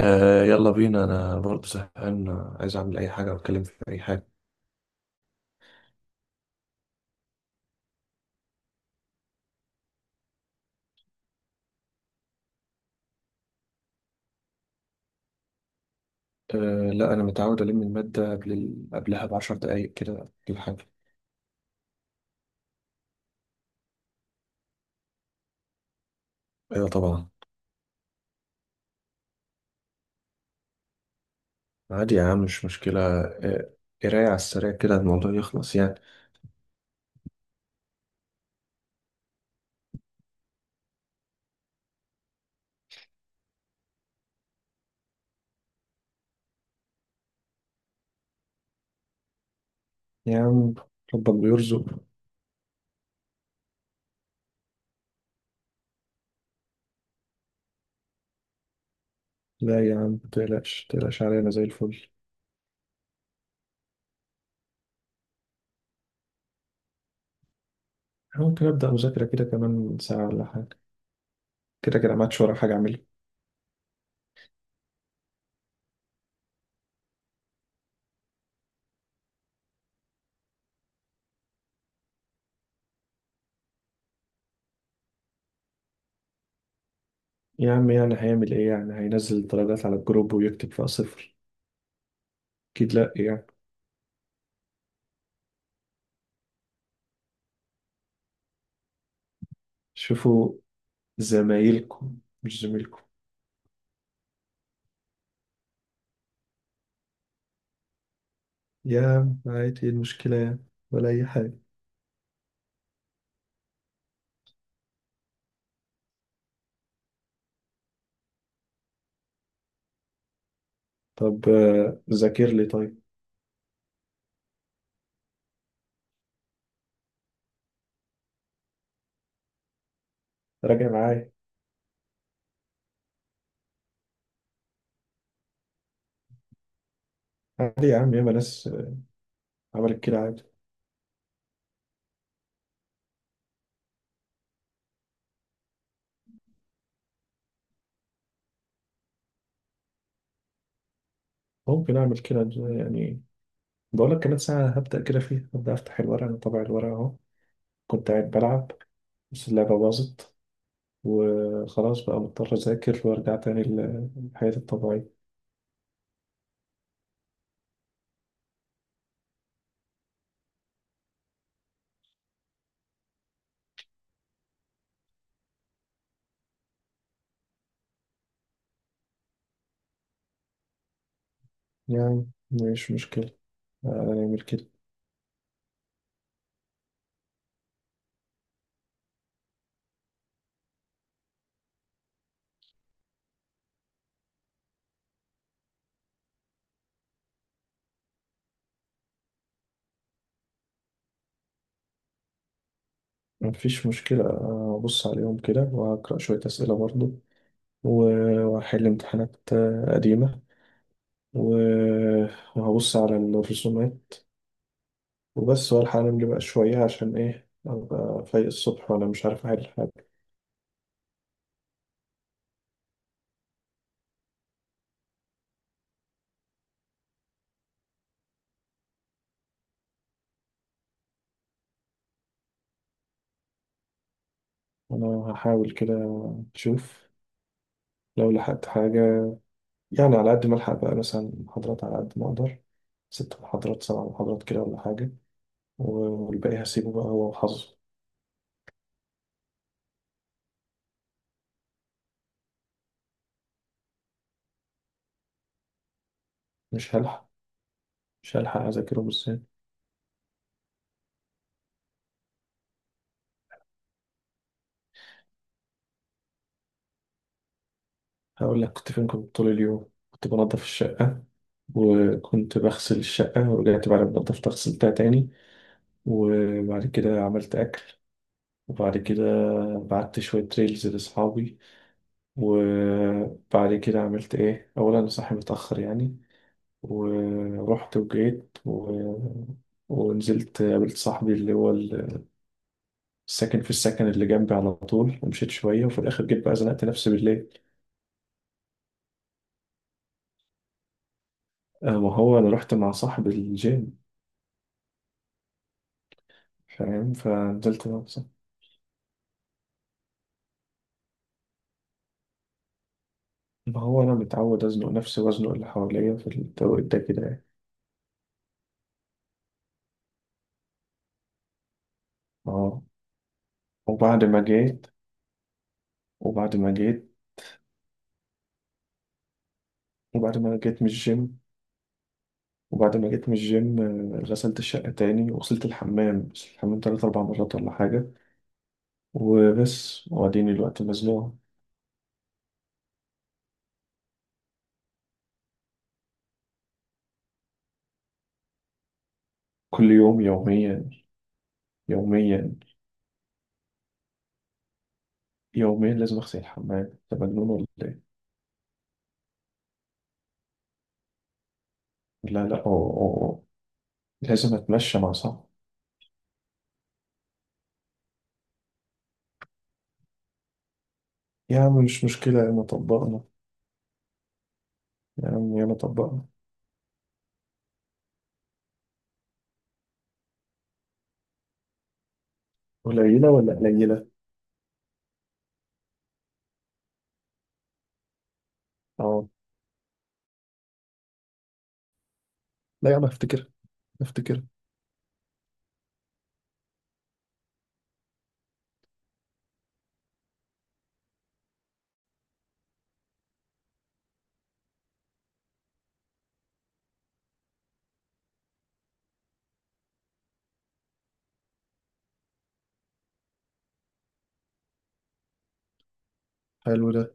آه يلا بينا، انا برضه زهقان. عايز اعمل اي حاجه واتكلم في اي حاجه. آه لا، انا متعود الم الماده قبل قبلها بـ10 دقايق كده، كل حاجه. ايوه طبعا. عادي يا عم، مش مشكله قرايه على السريع كده، الموضوع يخلص يعني. يا عم، ربك بيرزق. لا يا عم، متقلقش عليا، انا زي الفل. ممكن ابدا مذاكره كده كمان ساعه ولا حاجه. كده كده، ما عادش ورا حاجه اعملها. يا عم، يعني هيعمل ايه؟ يعني هينزل الدرجات على الجروب ويكتب فيها صفر؟ اكيد لا يعني. شوفوا زمايلكم، مش زميلكم. يا عم عادي، إيه المشكلة يعني؟ ولا أي حاجة. طب، ذاكر لي طيب. راجع معايا. عادي يا عم، ياما ناس عملت كده عادي. ممكن أعمل كده يعني. بقول لك كمان ساعة هبدأ كده فيها، هبدأ أفتح الورق، أنا طبع الورق أهو. كنت قاعد بلعب، بس اللعبة باظت، وخلاص بقى مضطر أذاكر وأرجع تاني لحياتي الطبيعية. يعني مش مشكلة، هنعمل كده. مفيش مشكلة، أبص عليهم كده وهقرأ شوية أسئلة برضه. وهحل امتحانات قديمة. و- وهبص على الرسومات. وبس، والحق أنام لي بقى شوية، عشان إيه أبقى فايق الصبح وأنا مش عارف أحل حاجة. أنا هحاول كده، أشوف لو لحقت حاجة، يعني على قد ما ألحق بقى مثلا محاضرات على قد ما أقدر. 6 محاضرات 7 محاضرات كده ولا حاجة. والباقي هسيبه بقى هو وحظه. مش هلحق، مش هلحق أذاكرهم إزاي؟ هقول لك كنت فين، كنت طول اليوم كنت بنظف الشقة. وكنت بغسل الشقة، ورجعت بعد ما نضفتها غسلتها تاني. وبعد كده عملت أكل. وبعد كده بعت شوية ريلز لأصحابي. وبعد كده عملت إيه، أولا أنا صاحي متأخر يعني. ورحت وجيت ونزلت قابلت صاحبي اللي هو الساكن في السكن اللي جنبي، على طول ومشيت شوية، وفي الآخر جيت بقى زنقت نفسي بالليل. آه، ما هو أنا رحت مع صاحب الجيم. فاهم، فنزلت نفسي. ما هو أنا متعود أزنق نفسي وأزنق اللي حواليا في التوقيت ده كده يعني. اه. وبعد ما جيت وبعد ما جيت وبعد ما جيت من الجيم وبعد ما جيت من الجيم، غسلت الشقة تاني وغسلت الحمام، بس الحمام تلات أربع مرات ولا حاجة. وبس، وأديني الوقت مزنوق. كل يوم يوميا. يوميا يوميا، لازم أغسل الحمام. أنت مجنون ولا إيه؟ لا لا، أو أو أو. لازم أتمشى مع صاحبي. يا عم، مش مشكلة، ياما طبقنا. يا عم، ياما طبقنا. قليلة ولا قليلة؟ اه. لا يا عم، افتكر، افتكر. حلو ده.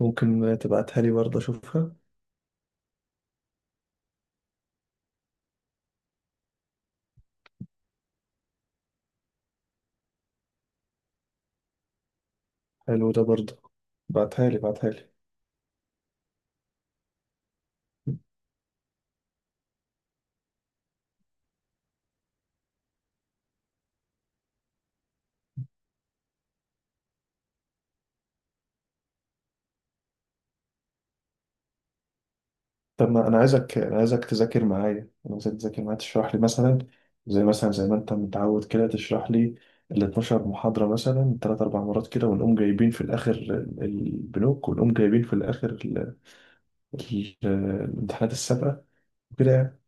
ممكن تبعتها لي برضه اشوفها. حلو ده برضه. بعتها لي، بعتها لي. طب ما انا عايزك تذاكر معايا تشرح لي مثلا. زي مثلا، زي ما انت متعود، كده تشرح لي. ال 12 محاضرة مثلا ثلاث اربع مرات كده، ونقوم جايبين في الاخر البنوك، ونقوم جايبين في الاخر الامتحانات السابقة. وكده يعني.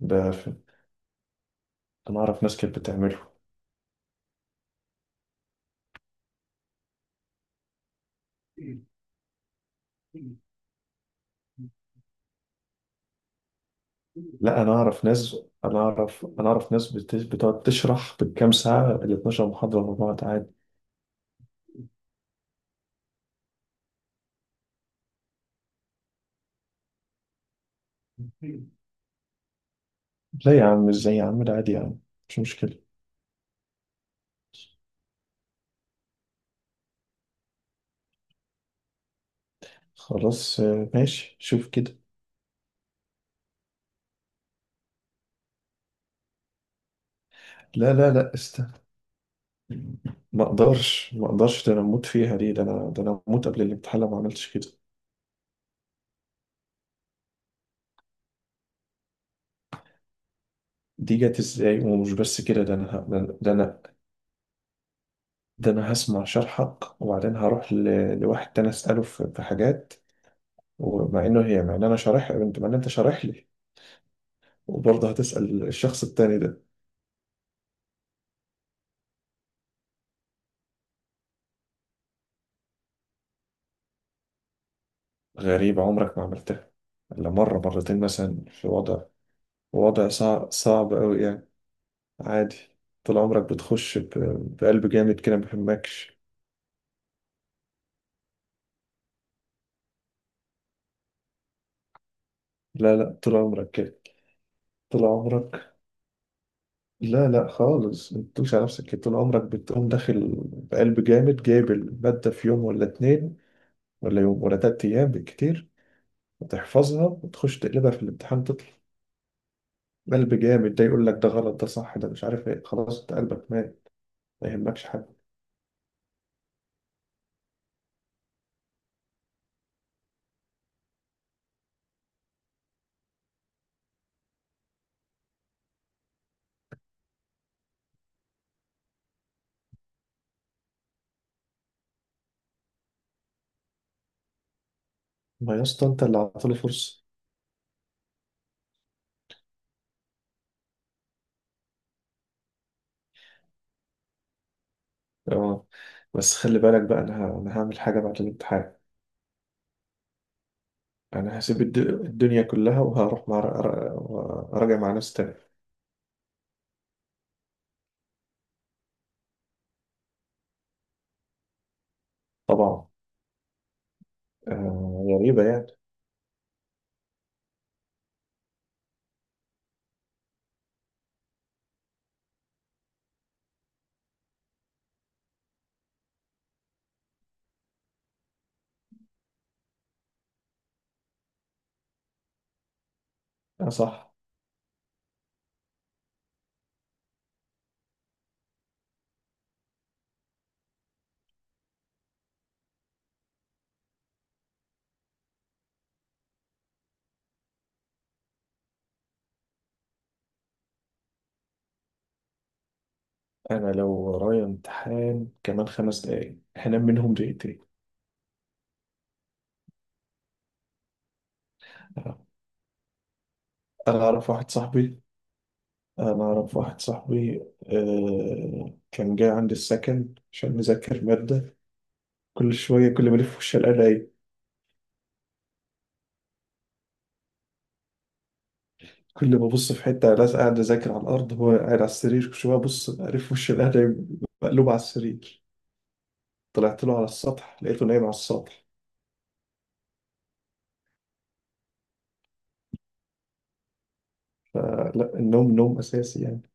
ده في- انا اعرف ناس كانت بتعمله. لا، انا اعرف ناس بتقعد تشرح بالكام ساعه ال 12 محاضره مع بعض عادي. لا يا عم، ازاي يا عم؟ ده عادي يا عم، مش مشكله. خلاص، ماشي، شوف كده. لا لا لا، استنى. ما اقدرش، ده انا اموت فيها دي، ده انا اموت قبل الامتحان لو ما عملتش كده. دي جت ازاي، ومش بس كده، ده انا ه- ده انا ده انا هسمع شرحك، وبعدين هروح لواحد تاني اساله في حاجات. ومع انه هي مع ان انا شارح مع ان انت شارح لي، وبرضه هتسأل الشخص التاني ده. غريب، عمرك ما عملتها إلا مرة مرتين مثلا، في وضع وضع صعب، صعب أوي يعني. عادي. طول عمرك بتخش بقلب جامد كده، ما بيهمكش. لا لا، طول عمرك كده. طول عمرك. لا لا، خالص، ما تدوش على نفسك كده، طول عمرك بتقوم داخل. بقلب جامد، جايب المادة في يوم ولا اتنين. ولا يوم ولا 3 أيام بالكتير. وتحفظها وتخش تقلبها في الامتحان، تطلع. قلب جامد، ده يقول لك ده غلط ده صح ده مش عارف ايه، خلاص انت قلبك مات. ما يهمكش حاجة. ما يا اسطى، انت اللي عطاني فرصة. اه، بس خلي بالك بقى، انا هعمل حاجة بعد الامتحان. انا هسيب الدنيا كلها وهروح مع. راجع مع ناس تانية. طبعا. آه غريبة يعني. اه صح. انا لو ورايا امتحان كمان 5 دقايق هنام منهم دقيقتين. آه، انا اعرف واحد صاحبي انا اعرف واحد صاحبي كان جاي عندي السكن عشان نذاكر مادة. كل شوية، كل ما الف وش الاقي. كل ما ابص في حته، لا قاعد اذاكر على الارض هو قاعد على السرير، كل شويه ابص اعرف وش القهوه. مقلوب على السرير. طلعت له على السطح لقيته نايم على السطح. فلا، النوم نوم اساسي يعني.